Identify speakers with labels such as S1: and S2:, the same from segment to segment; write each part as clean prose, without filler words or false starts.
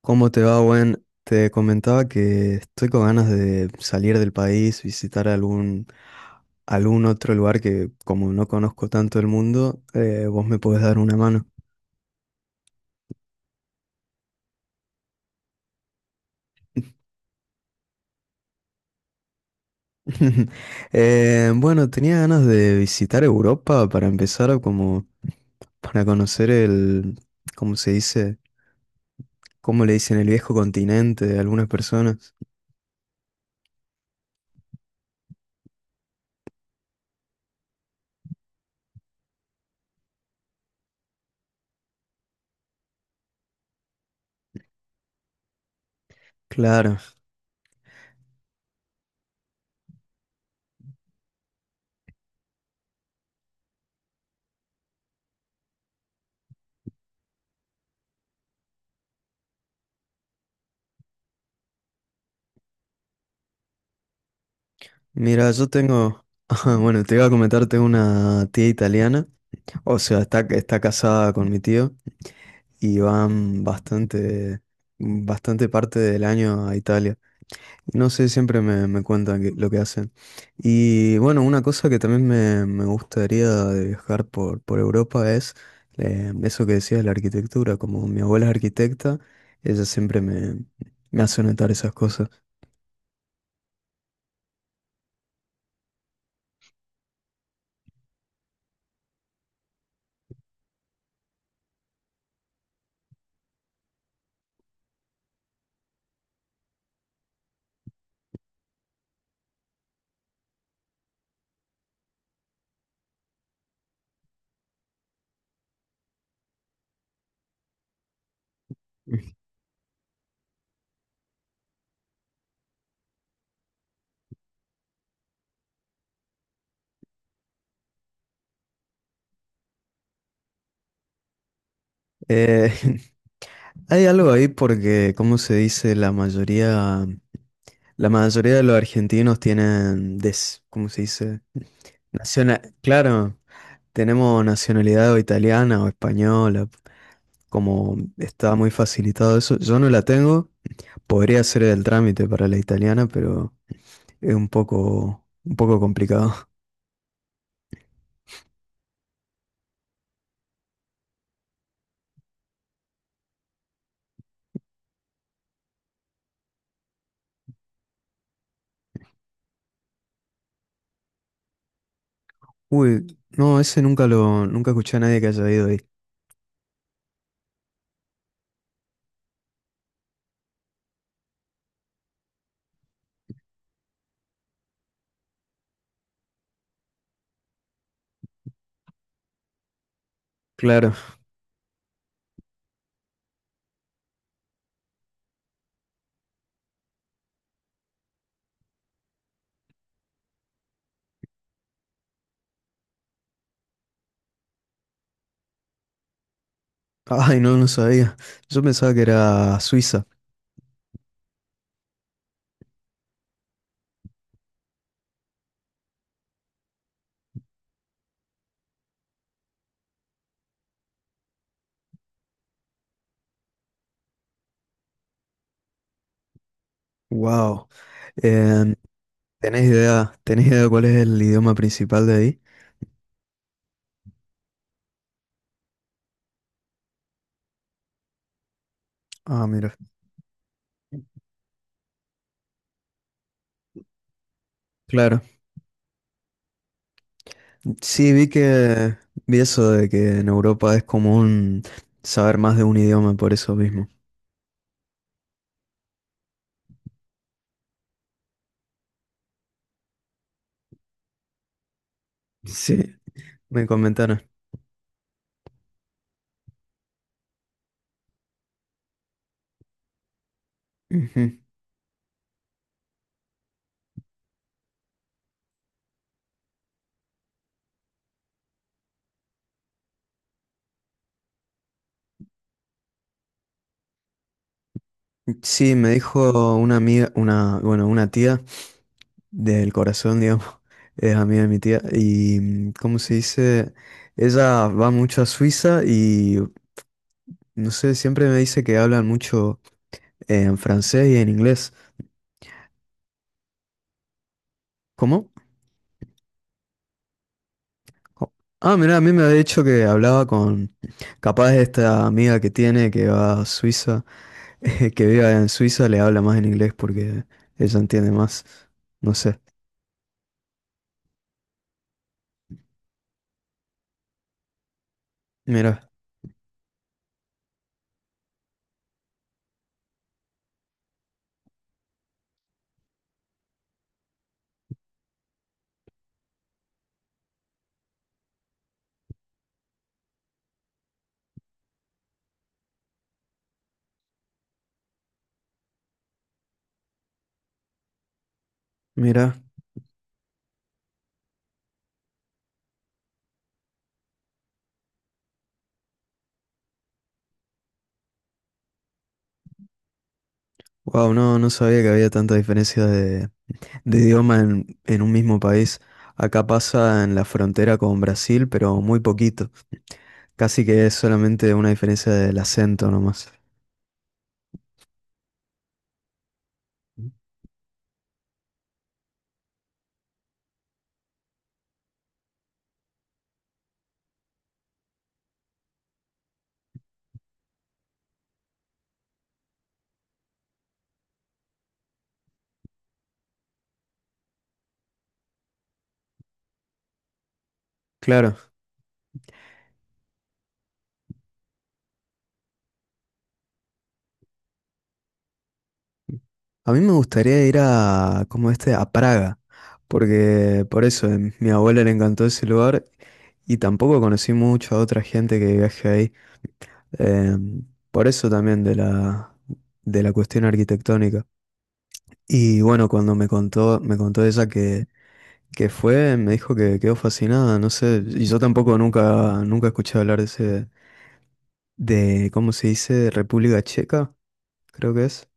S1: ¿Cómo te va, Gwen? Te comentaba que estoy con ganas de salir del país, visitar algún otro lugar que como no conozco tanto el mundo, vos me podés dar una mano. Bueno, tenía ganas de visitar Europa para empezar, como para conocer el, ¿cómo se dice? ¿Cómo le dicen el viejo continente de algunas personas? Claro. Mira, yo tengo, ajá, bueno, te iba a comentar, tengo una tía italiana. O sea, está casada con mi tío y van bastante parte del año a Italia. No sé, siempre me cuentan que- lo que hacen. Y bueno, una cosa que también me gustaría de viajar por Europa es eso que decías, la arquitectura. Como mi abuela es arquitecta, ella siempre me, me hace notar esas cosas. Eh, Hay algo ahí porque, como se dice, la mayoría de los argentinos tienen, des, ¿cómo se dice? Naciona- claro, tenemos nacionalidad o italiana o española, como está muy facilitado eso. Yo no la tengo, podría hacer el trámite para la italiana, pero es un poco complicado. Uy, no, ese nunca lo, nunca escuché a nadie que haya ido ahí. Claro. Ay, no, no sabía. Yo pensaba que era Suiza. Wow. Tenés idea de cuál es el idioma principal de ahí? Ah, mira. Claro. Sí, vi eso de que en Europa es común saber más de un idioma por eso mismo. Sí, me comentaron. Ujú. Sí, me dijo una amiga, una, bueno, una tía del corazón, digamos, es amiga de mi tía y ¿cómo se dice? Ella va mucho a Suiza y no sé, siempre me dice que hablan mucho en francés y en inglés. ¿Cómo? Ah, mirá, a mí me había dicho que hablaba con capaz esta amiga que tiene que va a Suiza, que vive en Suiza, le habla más en inglés porque ella entiende más. No sé. Mira, mira, wow, no, no sabía que había tanta diferencia de idioma en un mismo país. Acá pasa en la frontera con Brasil, pero muy poquito. Casi que es solamente una diferencia del acento nomás. Claro. A mí me gustaría ir a, como este, a Praga, porque por eso a mi abuela le encantó ese lugar y tampoco conocí mucho a otra gente que viaje ahí, eh, por eso también de la cuestión arquitectónica. Y bueno, cuando me contó ella que fue, me dijo que quedó fascinada, no sé, y yo tampoco nunca, nunca escuché hablar de ese, de, ¿cómo se dice? República Checa, creo que es.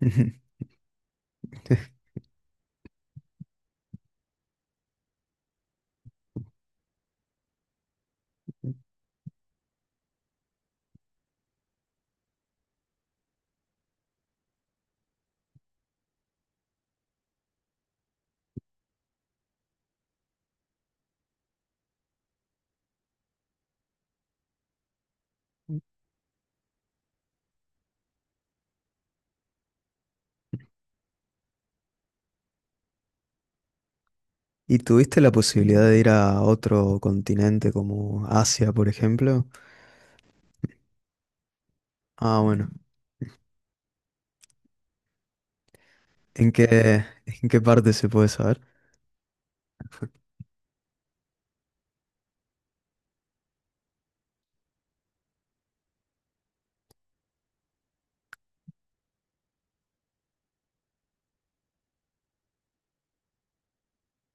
S1: ¿Y tuviste la posibilidad de ir a otro continente como Asia, por ejemplo? Ah, bueno. En qué parte se puede saber?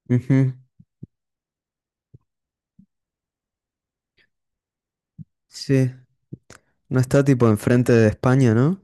S1: Ujú. Sí. No está tipo enfrente de España, ¿no?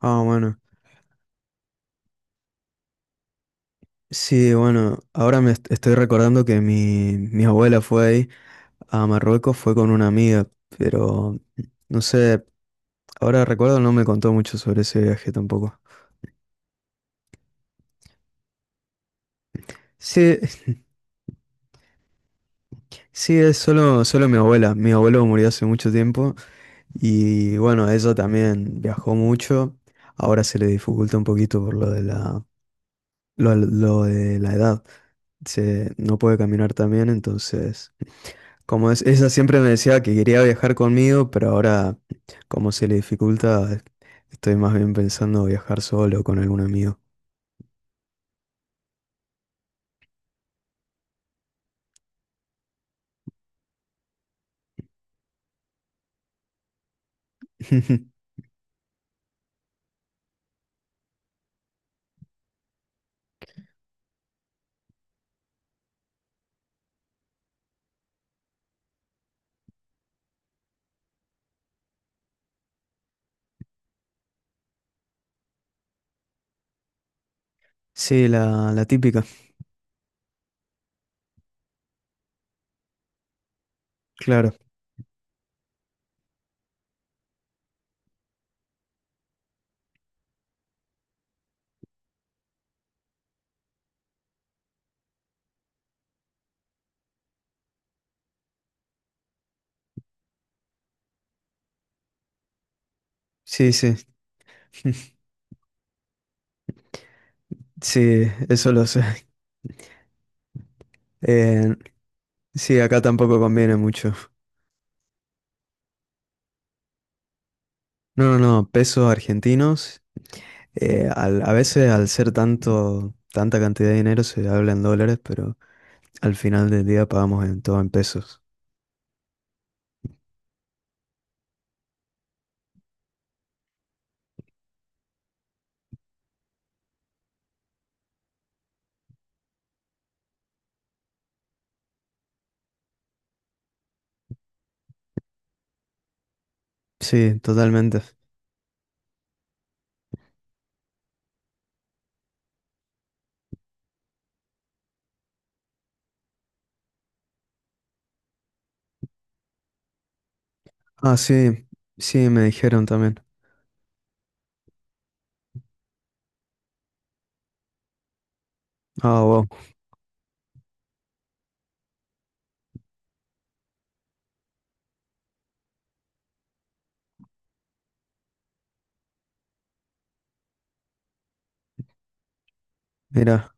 S1: Ah, bueno. Sí, bueno. Ahora me est- estoy recordando que mi abuela fue ahí a Marruecos, fue con una amiga, pero no sé, ahora recuerdo no me contó mucho sobre ese viaje tampoco. Sí, sí, es solo, solo mi abuela. Mi abuelo murió hace mucho tiempo. Y bueno, eso también viajó mucho. Ahora se le dificulta un poquito por lo de la edad. Se, no puede caminar tan bien, entonces, como es, ella siempre me decía que quería viajar conmigo, pero ahora, como se le dificulta, estoy más bien pensando viajar solo o con algún amigo. Sí, la típica, claro. Sí, sí, sí, eso lo sé. Eh, sí, acá tampoco conviene mucho. No, no, no, pesos argentinos. Al- a veces al ser tanto, tanta cantidad de dinero se habla en dólares, pero al final del día pagamos en todo en pesos. Sí, totalmente. Ah, sí, sí, me dijeron también. Ah, wow, mira.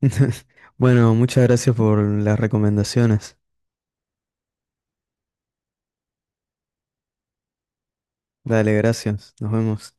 S1: Bueno, muchas gracias por las recomendaciones. Dale, gracias. Nos vemos.